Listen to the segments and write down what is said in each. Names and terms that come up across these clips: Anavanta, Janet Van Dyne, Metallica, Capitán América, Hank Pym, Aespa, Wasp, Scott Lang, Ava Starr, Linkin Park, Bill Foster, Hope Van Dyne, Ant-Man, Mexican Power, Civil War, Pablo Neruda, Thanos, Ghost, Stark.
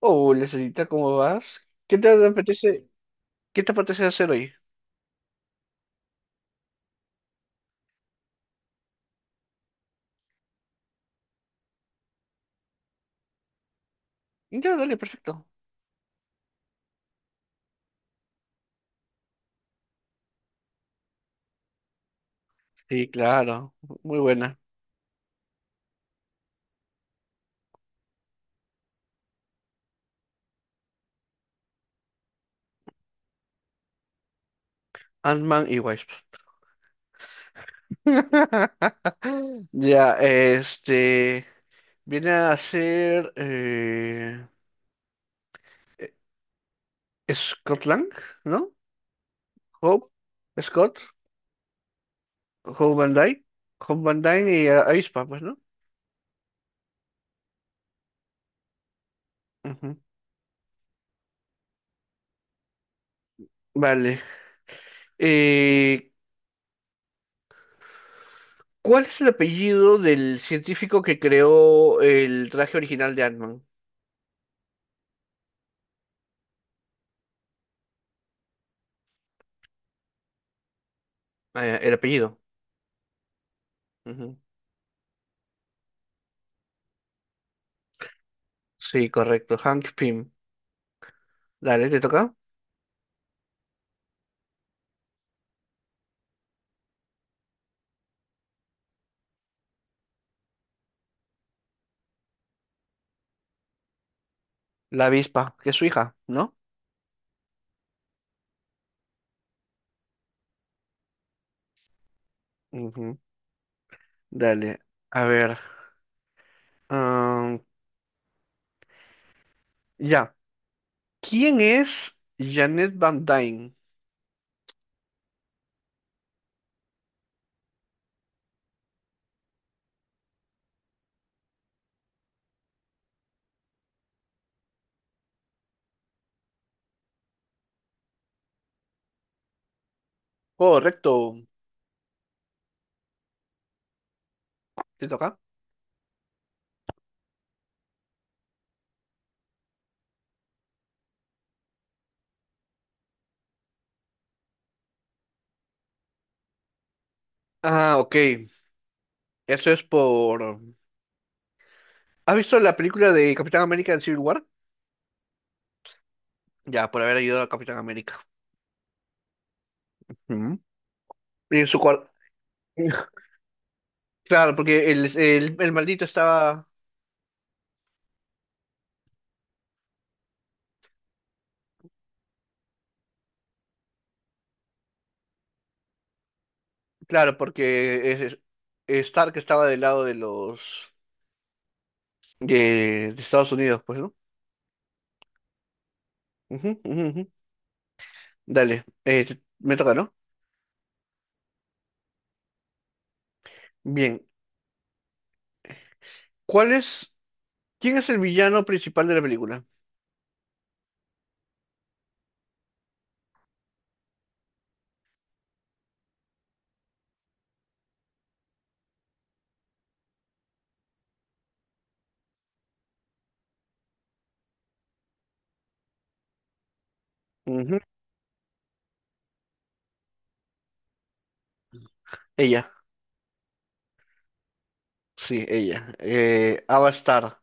Hola, señorita, ¿cómo vas? ¿Qué te apetece, qué te apetece hacer hoy? Ya, dale, perfecto. Sí, claro, muy buena. Ant-Man y Wasp. Ya, este, viene a ser eh, Scott Lang, ¿no? Hope, Scott, Hope Van Dyne, Hope Van Dyne y Aespa, pues, ¿no? Ujú. Vale. Eh, ¿Cuál es el apellido del científico que creó el traje original de Ant-Man? El apellido. Ujú. Sí, correcto. Hank Pym. Dale, te toca. La avispa, que es su hija, ¿no? Ujú. Dale. A ver. am, ya. ¿Quién es Janet Van Dyne? Correcto. ¿Te toca? Ah, ok. Eso es por... ¿Has visto la película de Capitán América en Civil War? Ya, por haber ayudado a Capitán América. Ujú. Y en su cuarto... Claro, porque el maldito estaba... Claro, porque Stark estaba del lado de los... de Estados Unidos, pues, ¿no? Ujú. Dale, me toca, ¿no? Bien, ¿cuál es, ¿quién es el villano principal de la película? Ujú, Ella, sí, ella. Ava Starr,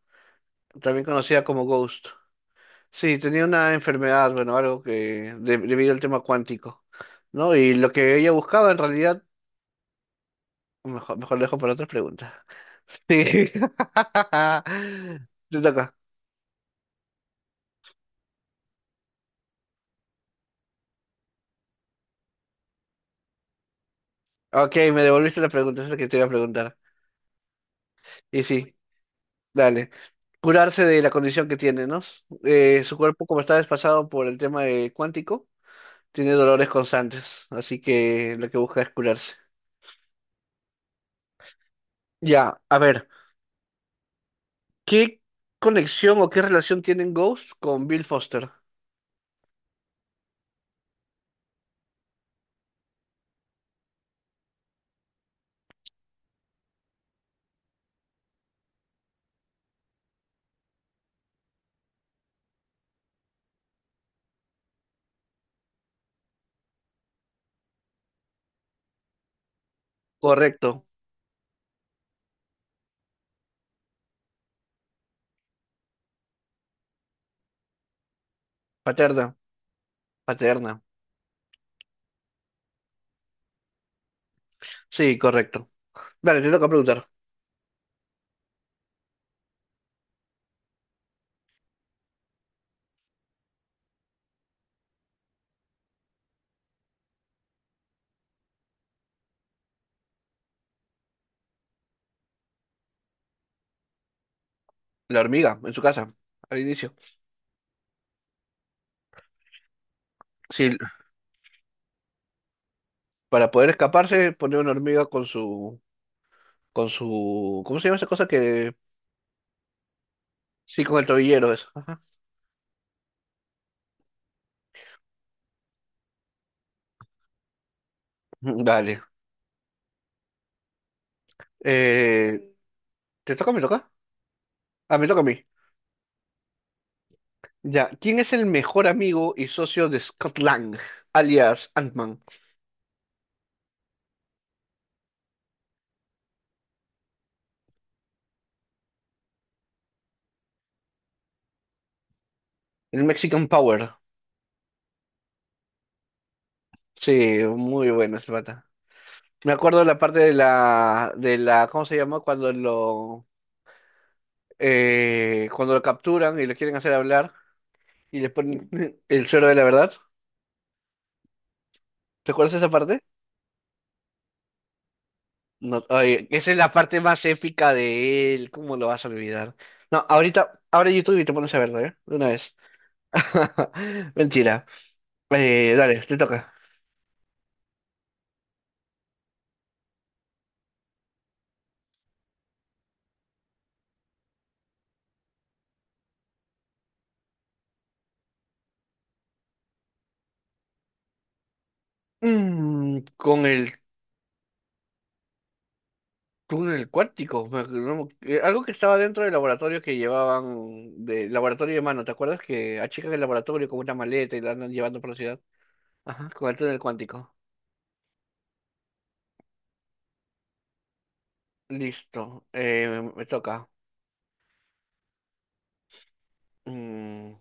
también conocida como Ghost. Sí, tenía una enfermedad, bueno, algo que debido al tema cuántico, ¿no? Y lo que ella buscaba en realidad, mejor lo dejo para otras preguntas. Sí. Te toca. Ok, me devolviste la pregunta, esa es la que te iba a preguntar. Y sí. Dale. Curarse de la condición que tiene, ¿no? Su cuerpo, como está desfasado por el tema de cuántico, tiene dolores constantes, así que lo que busca es curarse. Ya, a ver, ¿qué conexión o qué relación tienen Ghost con Bill Foster? Correcto. Paterna. Paterna. Sí, correcto. Vale, te toca preguntar. La hormiga, en su casa, al inicio. Sí, para poder escaparse, pone una hormiga con su, ¿cómo se llama esa cosa que, sí, con el tobillero, eso. Ajá. Dale. Eh, ¿Te toca o me toca? Ah, me toca a mí. Ya. ¿Quién es el mejor amigo y socio de Scott Lang, alias Ant-Man? El Mexican Power. Sí, muy bueno ese pata. Me acuerdo de la parte de la, ¿cómo se llama? Cuando lo capturan y lo quieren hacer hablar y le ponen el suero de la verdad. ¿Te acuerdas de esa parte? No, oye, esa es la parte más épica de él. ¿Cómo lo vas a olvidar? No, ahorita, abre YouTube y te pones a verlo, ¿eh? De una vez. Mentira. Dale, te toca. Mm, con el túnel cuántico. Me no me- algo que estaba dentro del laboratorio que llevaban, de laboratorio de mano, ¿te acuerdas que achican el laboratorio con una maleta y la andan llevando por la ciudad? Ajá, con el túnel cuántico. Listo, me toca. Mm,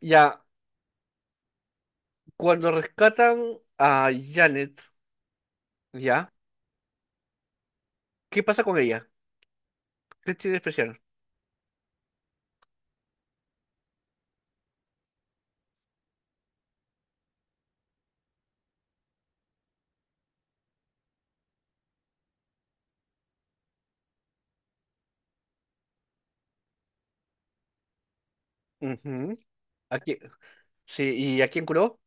ya, cuando rescatan a Janet, ¿ya? ¿Qué pasa con ella? ¿Qué tiene de especial? Ujú, Aquí, sí, ¿y a quién curó?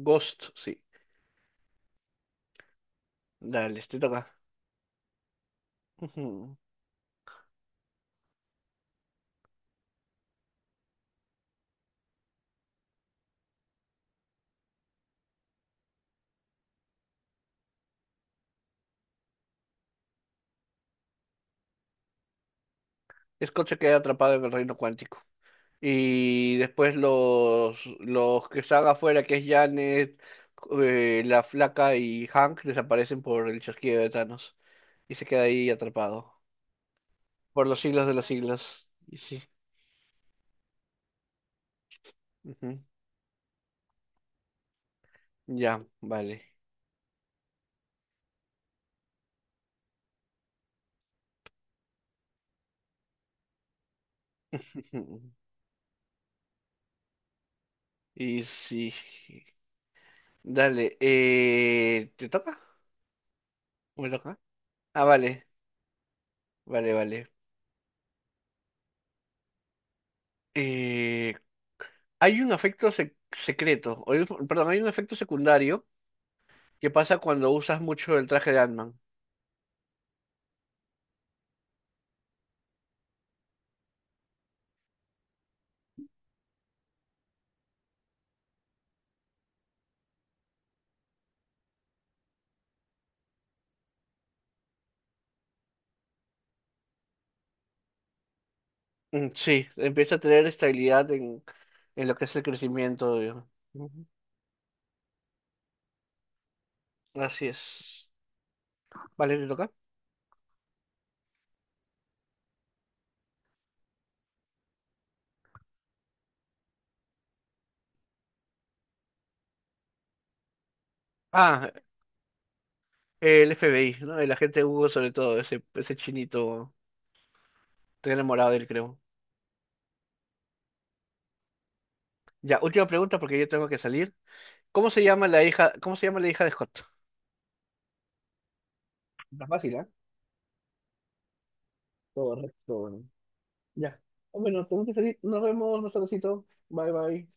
Ghost, sí. Dale, te toca. Ujú. Scott se queda atrapado en el reino cuántico. Y después los que están afuera, que es Janet, la flaca y Hank, desaparecen por el chasquido de Thanos. Y se queda ahí atrapado. Por los siglos de los siglos. Y sí. ujú, Ya, vale. ujú, Y sí. Dale, ¿te toca? ¿Me toca? Ah, vale. Eh, hay un efecto secreto, o hay perdón, hay un efecto secundario ¿Qué pasa cuando usas mucho el traje de Ant-Man? Mm, Sí, empieza a tener estabilidad en lo que es el crecimiento. Digamos. Ujú. Así es. Vale, ¿te toca? Ah, el FBI, ¿no? El agente Hugo sobre todo, ese chinito. Estoy enamorado de él, creo. Ya, última pregunta porque yo tengo que salir. ¿Cómo se llama la hija, cómo se llama la hija de Scott? Está fácil, ¿eh? Correcto. Ya. Bueno, tengo que salir. Nos vemos, Marcelocito. Bye, bye.